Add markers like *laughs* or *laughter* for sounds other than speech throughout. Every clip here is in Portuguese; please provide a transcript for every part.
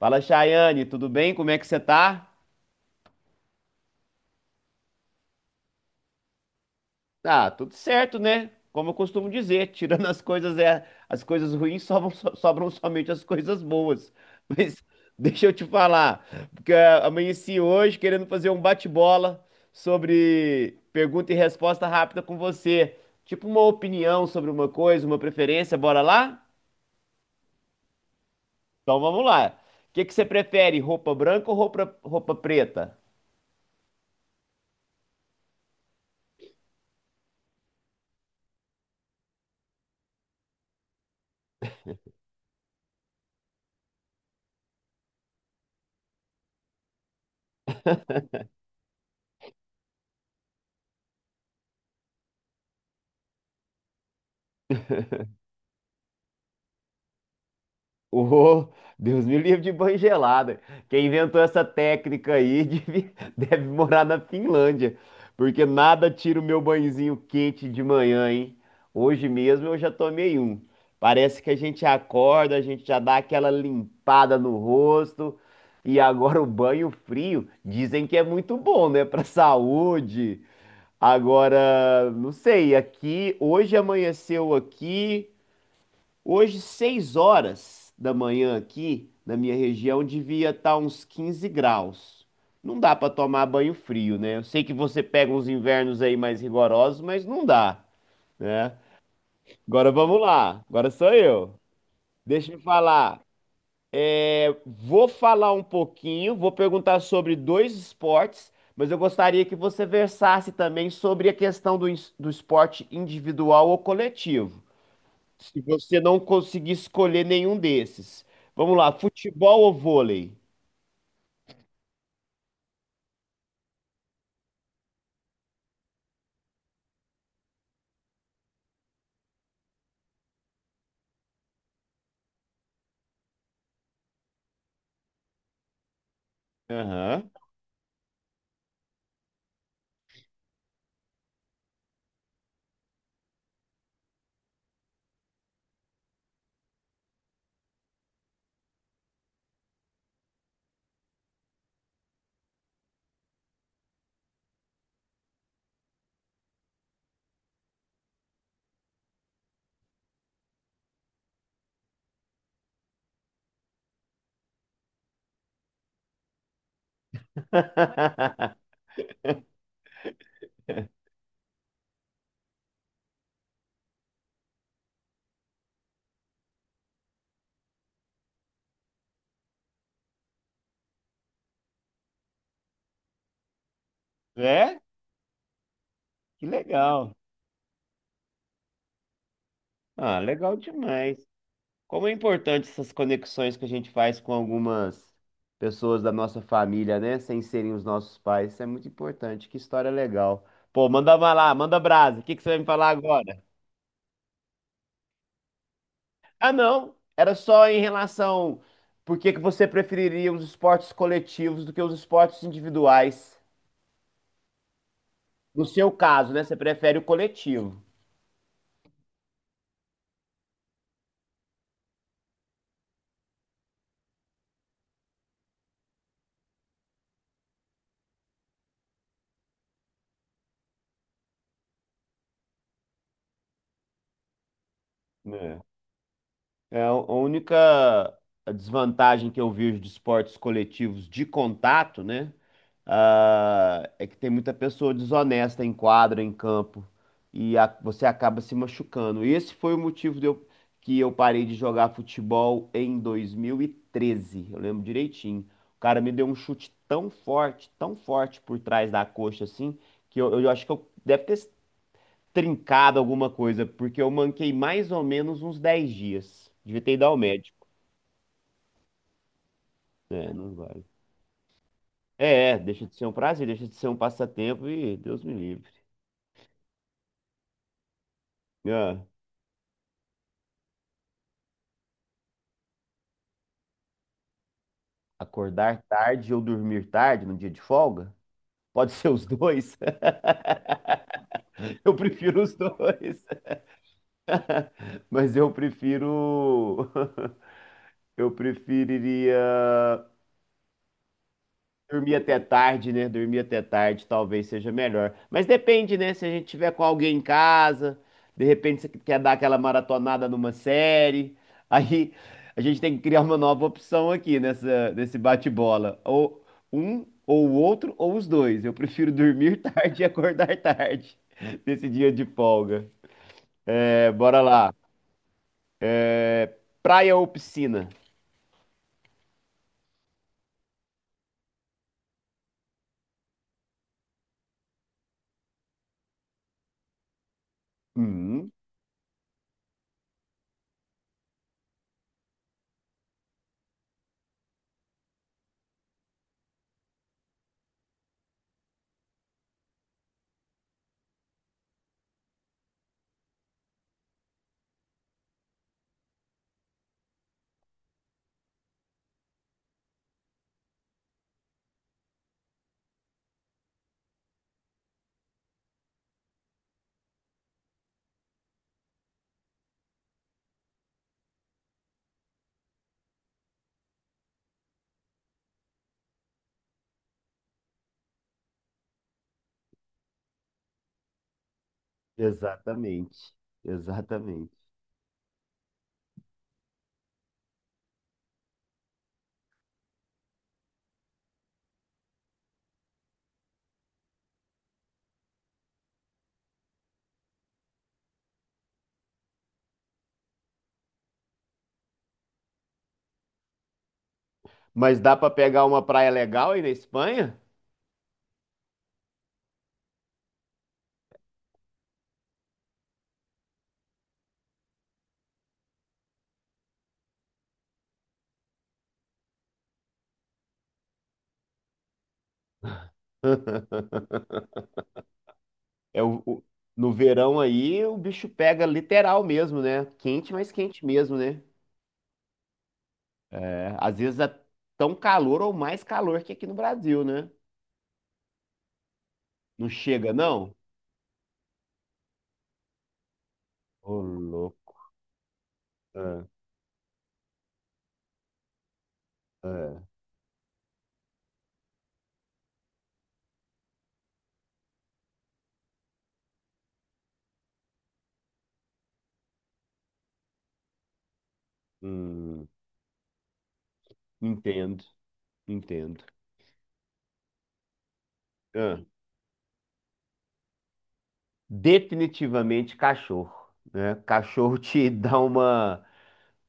Fala, Chayane, tudo bem? Como é que você tá? Ah, tudo certo, né? Como eu costumo dizer, *laughs* tirando as coisas ruins, sobram somente as coisas boas. Mas *laughs* deixa eu te falar, porque amanheci hoje querendo fazer um bate-bola sobre pergunta e resposta rápida com você. Tipo uma opinião sobre uma coisa, uma preferência, bora lá? Então vamos lá. O que que você prefere, roupa branca ou roupa preta? Ô, Deus me livre de banho gelado. Quem inventou essa técnica aí deve, *laughs* deve morar na Finlândia, porque nada tira o meu banhozinho quente de manhã, hein? Hoje mesmo eu já tomei um. Parece que a gente acorda, a gente já dá aquela limpada no rosto, e agora o banho frio dizem que é muito bom, né, para saúde. Agora, não sei, aqui hoje amanheceu aqui. Hoje, 6h da manhã aqui na minha região, devia estar uns 15 graus. Não dá para tomar banho frio, né? Eu sei que você pega uns invernos aí mais rigorosos, mas não dá, né? Agora vamos lá. Agora sou eu. Deixa eu falar. É, vou falar um pouquinho, vou perguntar sobre dois esportes, mas eu gostaria que você versasse também sobre a questão do esporte individual ou coletivo. Se você não conseguir escolher nenhum desses. Vamos lá, futebol ou vôlei? Aham. *laughs* É? Que legal. Ah, legal demais. Como é importante essas conexões que a gente faz com algumas pessoas da nossa família, né? Sem serem os nossos pais. Isso é muito importante. Que história legal. Pô, manda uma lá, manda brasa. O que que você vai me falar agora? Ah, não. Era só em relação por que que você preferiria os esportes coletivos do que os esportes individuais? No seu caso, né? Você prefere o coletivo. Né? É a única desvantagem que eu vejo de esportes coletivos de contato, né? Ah, é que tem muita pessoa desonesta em quadra, em campo, e a- você acaba se machucando. Esse foi o motivo que eu parei de jogar futebol em 2013. Eu lembro direitinho. O cara me deu um chute tão forte por trás da coxa assim, que eu acho que eu deve ter trincado alguma coisa, porque eu manquei mais ou menos uns 10 dias. Devia ter ido ao médico. É, não vale. É, é, deixa de ser um prazer, deixa de ser um passatempo e Deus me livre. Ah, acordar tarde ou dormir tarde no dia de folga? Pode ser os dois. *laughs* Eu prefiro os dois, mas eu prefiro. *laughs* Eu preferiria. Dormir até tarde, né? Dormir até tarde talvez seja melhor. Mas depende, né? Se a gente tiver com alguém em casa, de repente você quer dar aquela maratonada numa série, *laughs* aí a gente tem que criar uma nova opção aqui nesse bate-bola. Ou um, ou o outro, ou os dois. Eu prefiro dormir *laughs* tarde e acordar tarde nesse dia de folga. É, bora lá. É, praia ou piscina? Hum, exatamente. Exatamente. Mas dá pra pegar uma praia legal aí na Espanha? É no verão aí o bicho pega literal mesmo, né? Quente, mas quente mesmo, né? É, às vezes é tão calor ou mais calor que aqui no Brasil, né? Não chega, não? Ô, louco. Ah, ah, hum, Entendo, entendo. Ah, definitivamente cachorro, né? Cachorro te *laughs* dá uma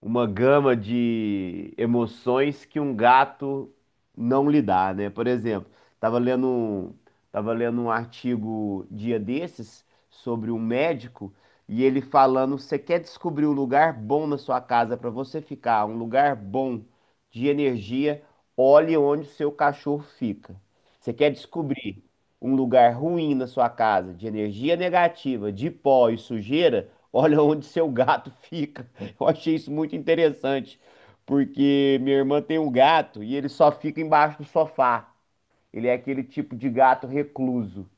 uma gama de emoções que um gato não lhe dá, né? Por exemplo, estava tava lendo um artigo dia desses sobre um médico e ele falando: você quer descobrir um lugar bom na sua casa para você ficar, um lugar bom de energia, olhe onde o seu cachorro fica. Você quer descobrir um lugar ruim na sua casa, de energia negativa, de pó e sujeira, olha onde seu gato *laughs* fica. Eu achei isso muito interessante, porque minha irmã tem um gato e ele só fica embaixo do sofá. Ele é aquele tipo de gato recluso.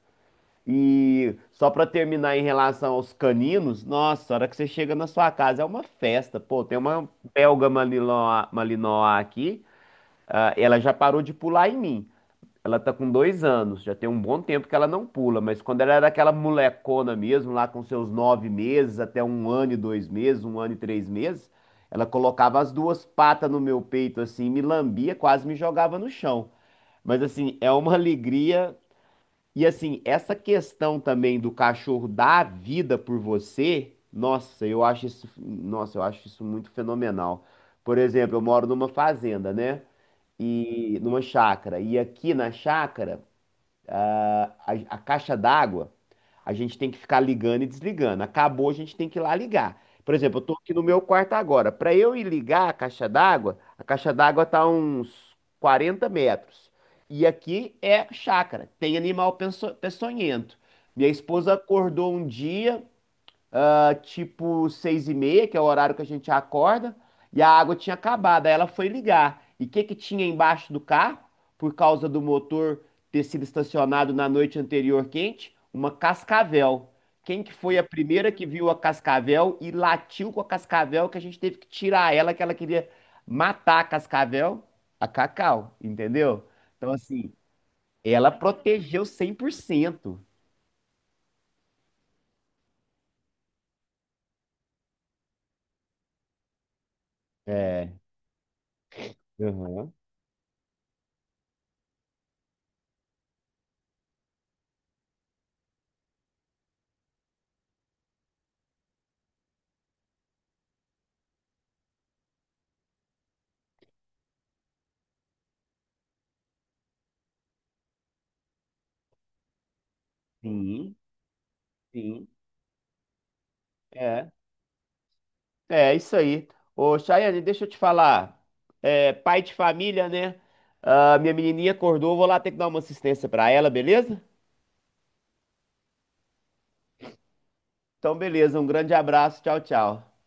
E só pra terminar em relação aos caninos, nossa, a hora que você chega na sua casa é uma festa. Pô, tem uma belga malinois, malinois aqui, ah, ela já parou de pular em mim. Ela tá com 2 anos, já tem um bom tempo que ela não pula, mas quando ela era aquela molecona mesmo, lá com seus 9 meses, até um ano e 2 meses, um ano e 3 meses, ela colocava as duas patas no meu peito, assim, me lambia, quase me jogava no chão. Mas, assim, é uma alegria. E, assim, essa questão também do cachorro dar a vida por você, nossa, eu acho isso, nossa, eu acho isso muito fenomenal. Por exemplo, eu moro numa fazenda, né? E numa chácara. E aqui na chácara a caixa d'água, a gente tem que ficar ligando e desligando. Acabou, a gente tem que ir lá ligar. Por exemplo, eu tô aqui no meu quarto agora. Para eu ir ligar a caixa d'água tá a uns 40 metros. E aqui é chácara, tem animal peçonhento. Minha esposa acordou um dia, tipo 6h30, que é o horário que a gente acorda, e a água tinha acabado. Aí ela foi ligar. E o que que tinha embaixo do carro? Por causa do motor ter sido estacionado na noite anterior quente, uma cascavel. Quem que foi a primeira que viu a cascavel e latiu com a cascavel que a gente teve que tirar ela, que ela queria matar a cascavel? A Cacau, entendeu? Então, assim, ela protegeu 100%. É. Uhum. Sim, sim. É. É, isso aí. Ô, Chayane, deixa eu te falar. É, pai de família, né? Ah, minha menininha acordou, vou lá ter que dar uma assistência pra ela, beleza? Então, beleza. Um grande abraço. Tchau, tchau.